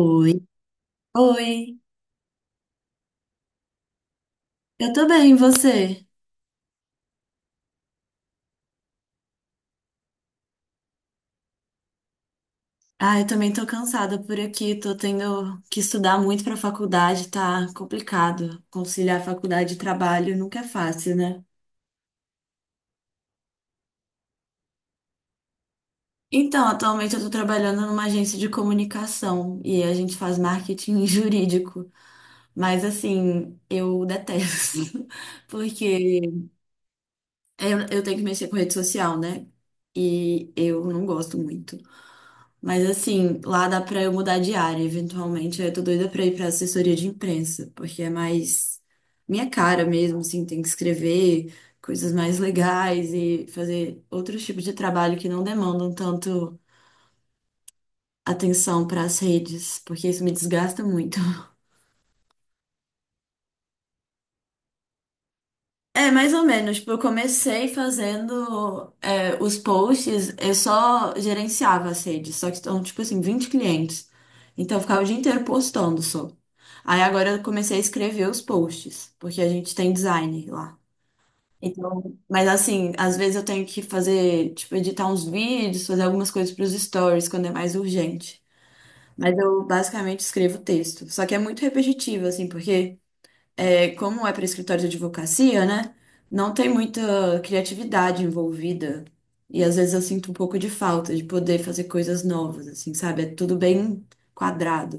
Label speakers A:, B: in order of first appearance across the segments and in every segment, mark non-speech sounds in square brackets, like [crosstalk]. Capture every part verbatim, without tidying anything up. A: Oi. Oi. Eu tô bem, e você? Ah, eu também tô cansada por aqui, tô tendo que estudar muito pra faculdade, tá complicado. Conciliar faculdade e trabalho nunca é fácil, né? Então, atualmente eu tô trabalhando numa agência de comunicação e a gente faz marketing [laughs] jurídico. Mas assim, eu detesto, [laughs] porque É, Eu, eu tenho que mexer com rede social, né? E eu não gosto muito. Mas assim, lá dá pra eu mudar de área, eventualmente. Aí eu tô doida pra ir pra assessoria de imprensa, porque é mais minha cara mesmo, assim, tem que escrever coisas mais legais e fazer outros tipos de trabalho que não demandam tanto atenção pras redes, porque isso me desgasta muito. É, mais ou menos. Tipo, eu comecei fazendo é, os posts, eu só gerenciava as redes, só que estão, tipo assim, vinte clientes. Então, eu ficava o dia inteiro postando só. Aí agora eu comecei a escrever os posts, porque a gente tem design lá. Então, mas assim, às vezes eu tenho que fazer, tipo, editar uns vídeos, fazer algumas coisas para os stories quando é mais urgente. Mas eu basicamente escrevo texto. Só que é muito repetitivo, assim, porque é, como é para escritório de advocacia, né? Não tem muita criatividade envolvida. E às vezes eu sinto um pouco de falta de poder fazer coisas novas, assim, sabe? É tudo bem quadrado.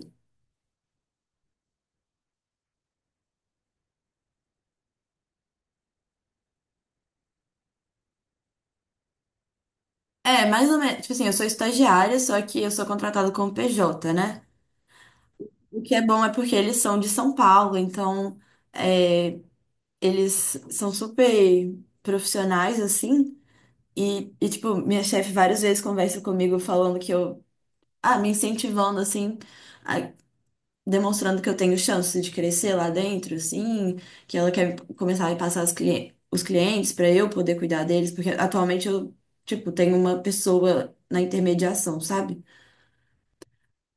A: É, mais ou menos. Tipo assim, eu sou estagiária, só que eu sou contratada como P J, né? O que é bom é porque eles são de São Paulo, então é, eles são super profissionais, assim. E, e, tipo, minha chefe várias vezes conversa comigo falando que eu. Ah, me incentivando, assim a, demonstrando que eu tenho chance de crescer lá dentro, assim, que ela quer começar a me passar os clientes, os clientes para eu poder cuidar deles, porque atualmente eu, tipo, tenho uma pessoa na intermediação, sabe?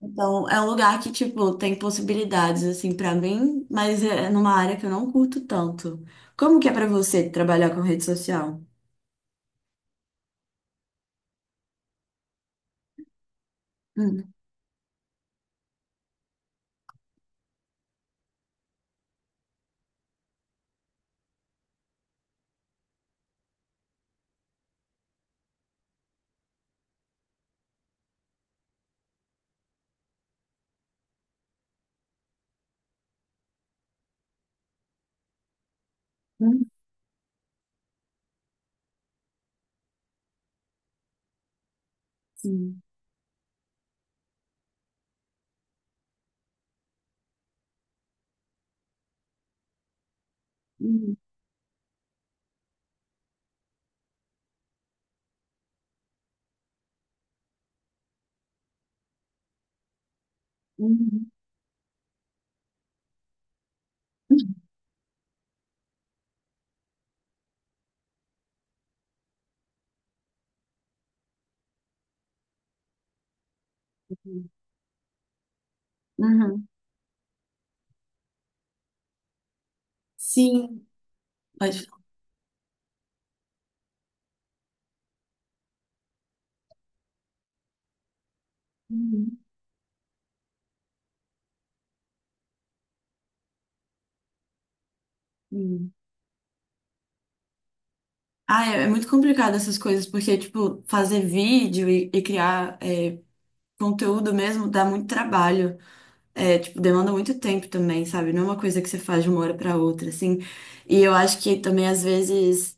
A: Então, é um lugar que, tipo, tem possibilidades, assim, para mim, mas é numa área que eu não curto tanto. Como que é para você trabalhar com rede social? Hum, hum, sim. Hum, hum, hum. Uhum. Sim. Pode falar. Uhum. Ah, é, é muito complicado essas coisas, porque, tipo, fazer vídeo e, e criar é, conteúdo mesmo dá muito trabalho. É, tipo, demanda muito tempo também, sabe? Não é uma coisa que você faz de uma hora pra outra, assim. E eu acho que também, às vezes,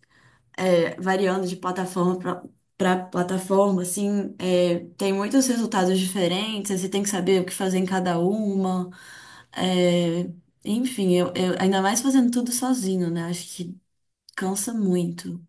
A: é, variando de plataforma pra pra plataforma, assim, é, tem muitos resultados diferentes, aí você tem que saber o que fazer em cada uma. É, Enfim, eu, eu- ainda mais fazendo tudo sozinho, né? Acho que cansa muito.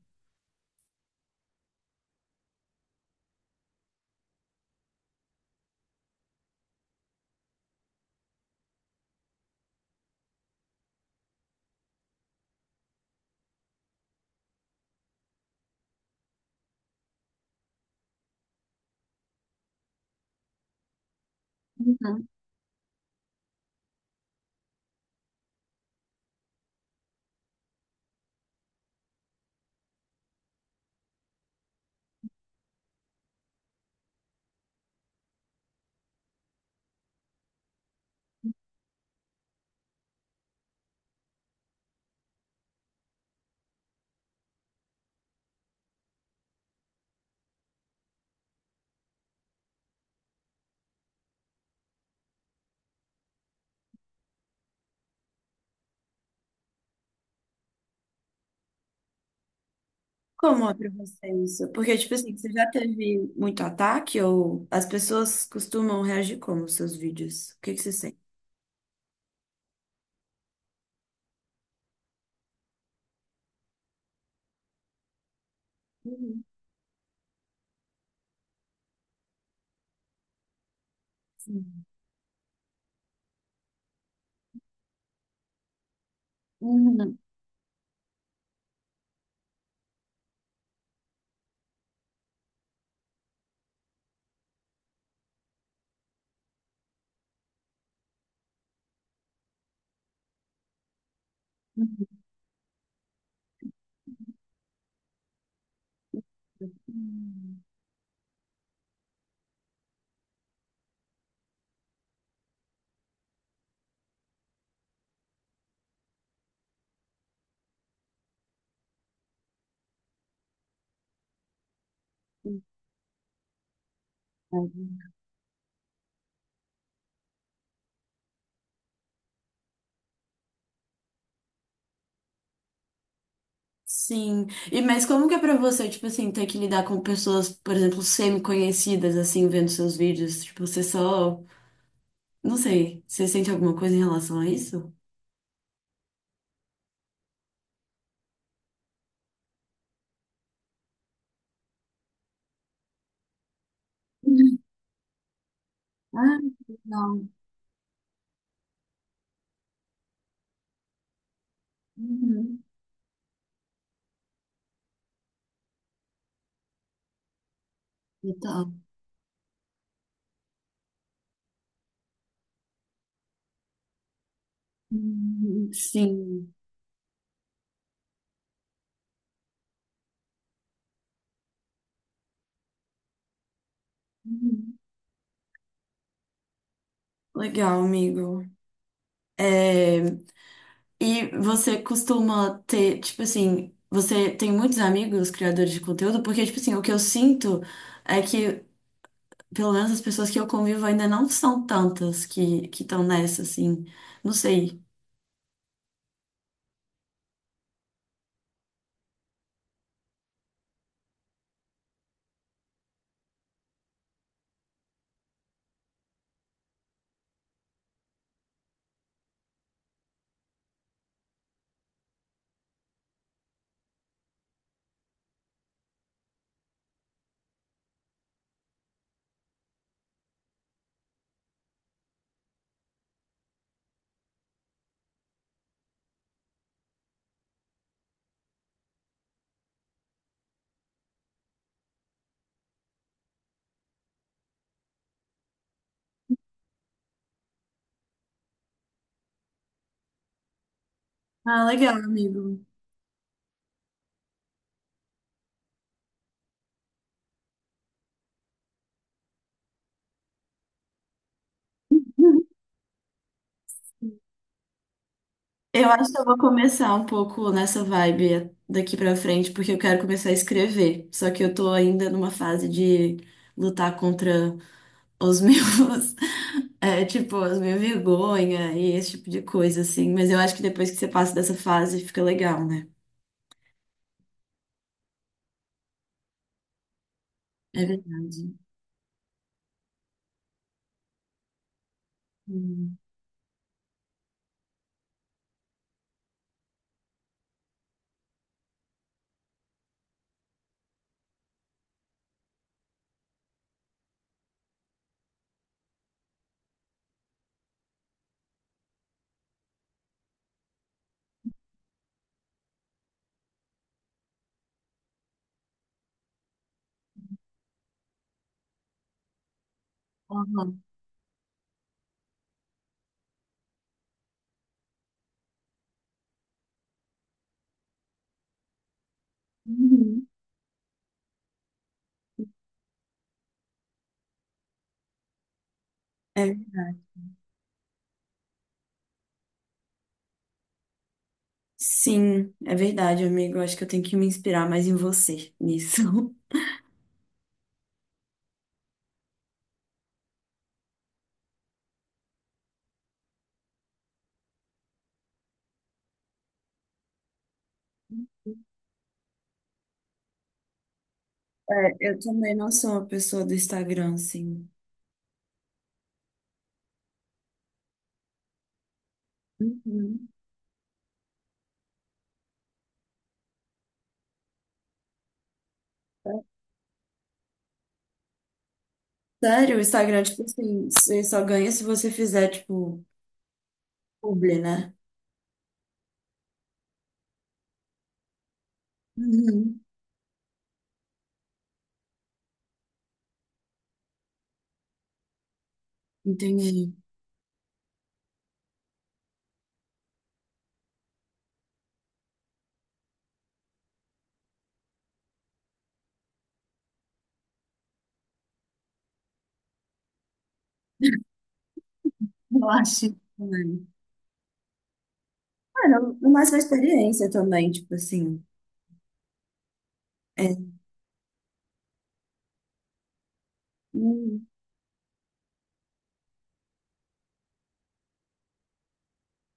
A: Como é pra você isso? Porque, tipo assim, você já teve muito ataque ou as pessoas costumam reagir como aos seus vídeos? O que que você sente? Uhum. Sim. Uhum. Uhum. Sim. E mas como que é pra você, tipo assim, ter que lidar com pessoas, por exemplo, semi-conhecidas, assim, vendo seus vídeos? Tipo, você só... Não sei. Você sente alguma coisa em relação a isso? Uhum. Ah, legal. Uhum. Legal. Uhum. Sim. Uhum. Legal, amigo. É, E você costuma ter, tipo assim, você tem muitos amigos criadores de conteúdo? Porque, tipo assim, o que eu sinto é que, pelo menos as pessoas que eu convivo ainda não são tantas que que estão nessa, assim. Não sei. Ah, legal, amigo. Eu acho que eu vou começar um pouco nessa vibe daqui pra frente, porque eu quero começar a escrever. Só que eu tô ainda numa fase de lutar contra os [laughs] meus. É, tipo, as minhas vergonha e esse tipo de coisa, assim. Mas eu acho que depois que você passa dessa fase, fica legal, né? É verdade. Hum. Aham. Uhum. É, sim, é verdade, amigo. Eu acho que eu tenho que me inspirar mais em você nisso. [laughs] É, eu também não sou uma pessoa do Instagram, assim. Uhum. Sério, o Instagram, tipo assim, você só ganha se você fizer, tipo, publi, né? Uhum. Entendi. Eu acho. Mano, mas uma experiência também, tipo assim. é, Hum,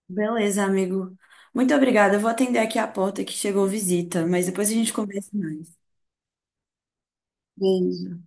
A: Beleza, amigo. Muito obrigada. Eu vou atender aqui a porta que chegou visita, mas depois a gente conversa mais. Beijo.